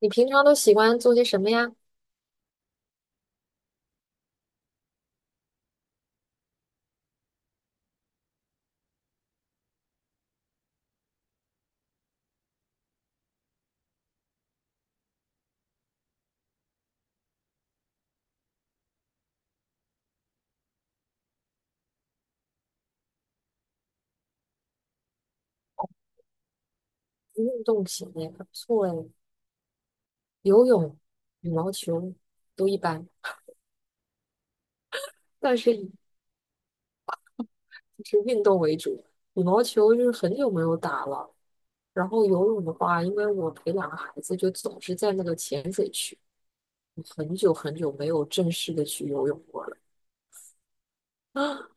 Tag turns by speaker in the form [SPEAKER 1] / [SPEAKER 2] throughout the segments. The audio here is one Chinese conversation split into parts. [SPEAKER 1] 你平常都喜欢做些什么呀？运动型的也不错哎，游泳、羽毛球都一般，但是就是运动为主。羽毛球就是很久没有打了，然后游泳的话，因为我陪两个孩子，就总是在那个浅水区，我很久很久没有正式的去游泳过了。啊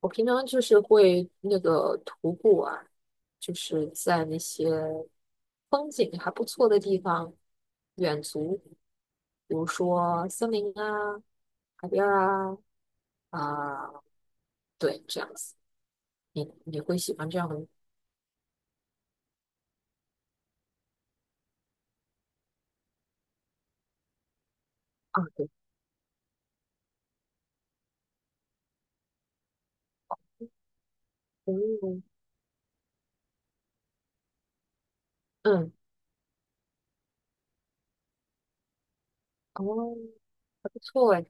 [SPEAKER 1] 我平常就是会那个徒步啊，就是在那些风景还不错的地方远足。比如说森林啊、海边儿啊，啊、对，这样子，你会喜欢这样的啊？对，嗯嗯，哦，还不错哎。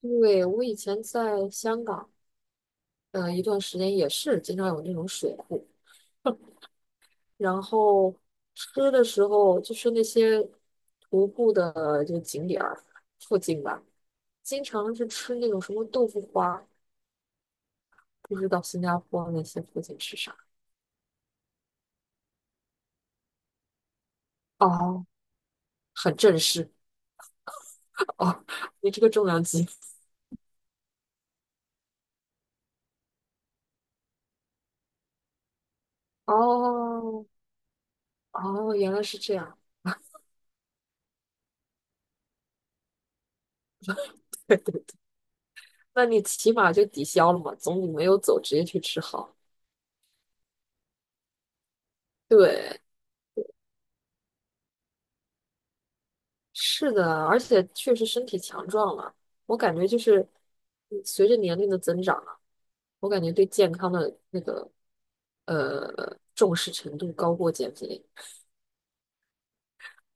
[SPEAKER 1] 对，我以前在香港，一段时间也是经常有那种水库，然后吃的时候就是那些徒步的这个景点儿附近吧，经常是吃那种什么豆腐花，不知道新加坡那些附近吃啥。哦，很正式。哦，你这个重量级。哦哦，原来是这样。对对对，那你起码就抵消了嘛，总比没有走直接去吃好。对，是的，而且确实身体强壮了。我感觉就是随着年龄的增长啊，我感觉对健康的那个重视程度高过减肥，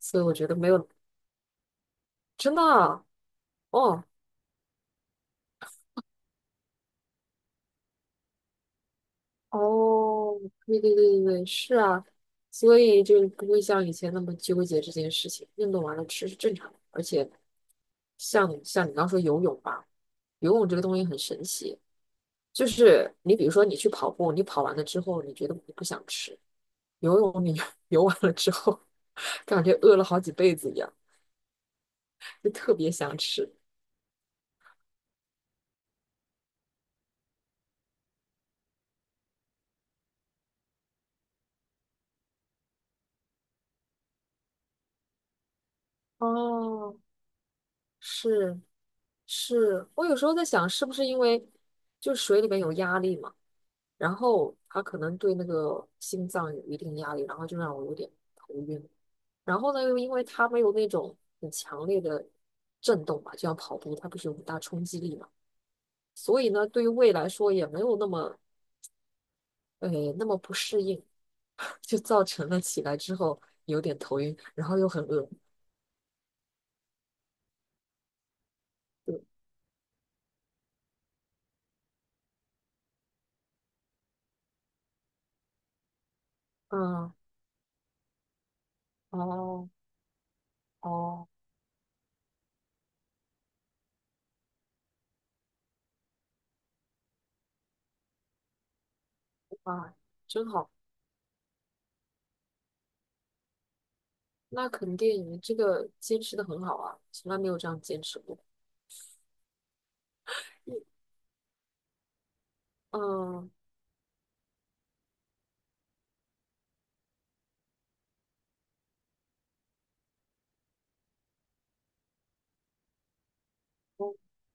[SPEAKER 1] 所以我觉得没有真的啊哦，哦，对对对对对，是啊，所以就不会像以前那么纠结这件事情。运动完了吃是正常的，而且像你刚说游泳吧，游泳这个东西很神奇，就是你比如说你去跑步，你跑完了之后，你觉得你不想吃，游泳你 游完了之后，感觉饿了好几辈子一样，就特别想吃。哦，是是，我有时候在想，是不是因为就水里面有压力嘛？然后他可能对那个心脏有一定压力，然后就让我有点头晕。然后呢，又因为它没有那种很强烈的震动嘛，就像跑步，它不是有很大冲击力嘛，所以呢，对于胃来说也没有那么呃那么不适应，就造成了起来之后有点头晕，然后又很饿。对，嗯，哦哦，哇，真好，那肯定你这个坚持的很好啊，从来没有这样坚持过。嗯，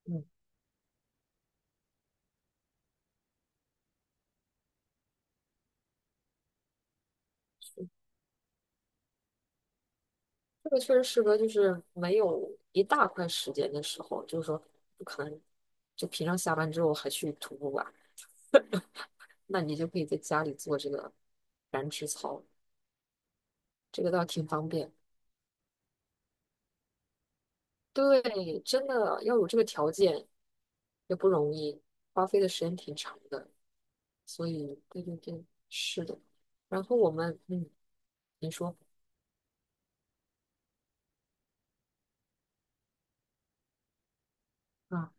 [SPEAKER 1] 嗯，这个确实适合，就是没有一大块时间的时候，就是说不可能就平常下班之后还去徒步吧，那你就可以在家里做这个燃脂操，这个倒挺方便。对，真的要有这个条件也不容易，花费的时间挺长的，所以对对对，是的。然后我们，嗯，你说啊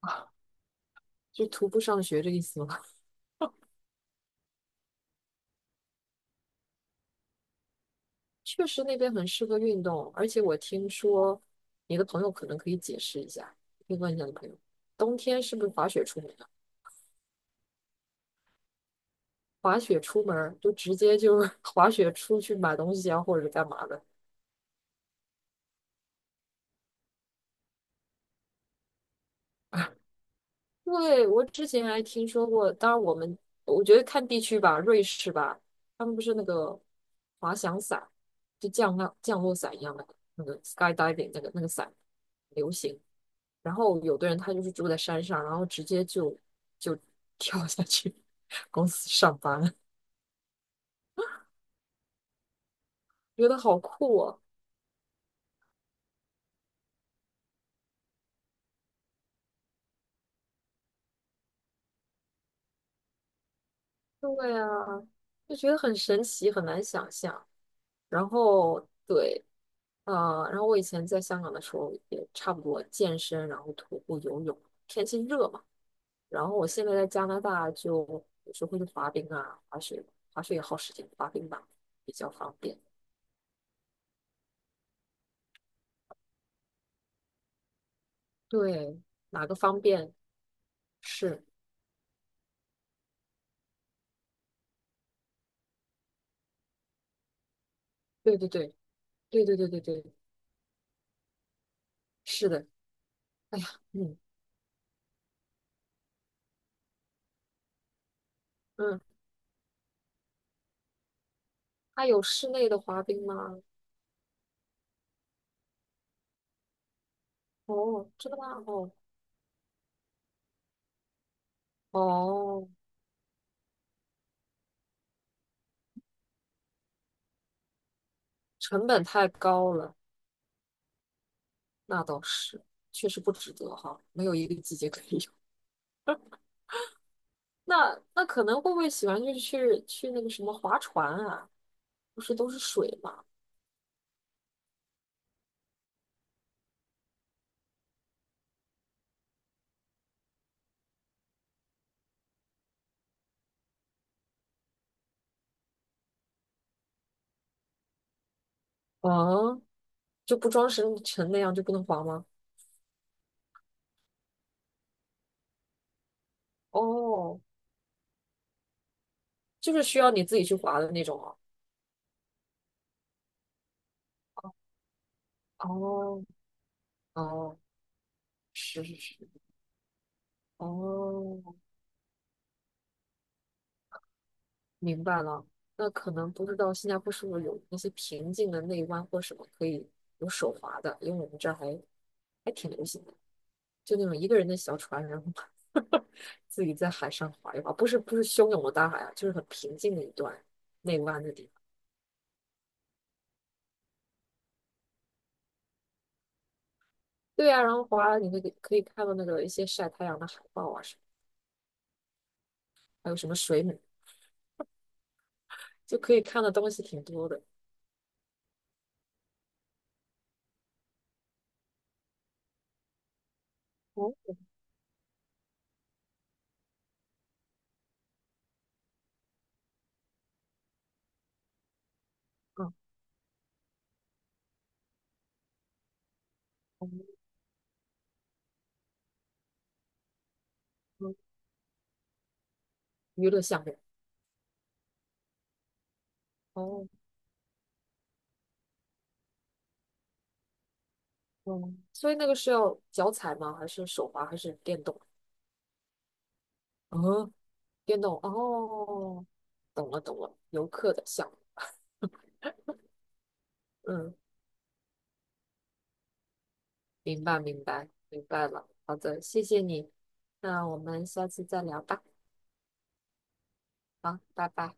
[SPEAKER 1] 啊，就徒步上学这意思吗？确实那边很适合运动，而且我听说你的朋友可能可以解释一下，可以问一下你朋友，冬天是不是滑雪出门啊？滑雪出门儿就直接就是 滑雪出去买东西啊，或者是干嘛的？对，我之前还听说过，当然我们我觉得看地区吧，瑞士吧，他们不是那个滑翔伞，就降落伞一样的那个 skydiving 那个伞流行，然后有的人他就是住在山上，然后直接就 跳下去 公司上班，觉得好酷哦。对啊，就觉得很神奇，很难想象。然后对，然后我以前在香港的时候也差不多健身，然后徒步、游泳，天气热嘛。然后我现在在加拿大就有时候会去滑冰啊，滑雪，滑雪也耗时间，滑冰吧比较方便。对，哪个方便？是，对对对。对对对对对，是的，哎呀，嗯嗯，它有室内的滑冰吗？哦，真的吗？哦哦，成本太高了，那倒是，确实不值得哈，没有一个季节可以有。那可能会不会喜欢就是去那个什么划船啊？不是都是水嘛？啊，就不装绳成那样就不能划吗？哦，就是需要你自己去划的那种哦。哦哦，是是是，哦。明白了，那可能不知道新加坡是不是有那些平静的内湾或什么可以有手划的，因为我们这儿还挺流行的，就那种一个人的小船，然后 自己在海上划一划，不是汹涌的大海啊，就是很平静的一段内湾的地方。对啊，然后划你那个可以看到那个一些晒太阳的海豹啊什么，还有什么水母，就可以看的东西挺多的。哦，嗯，嗯嗯娱乐项目。哦，嗯，所以那个是要脚踩吗？还是手滑？还是电动？嗯，电动。哦，懂了懂了，游客的项目。嗯，明白明白明白了。好的，谢谢你。那我们下次再聊吧。好，拜拜。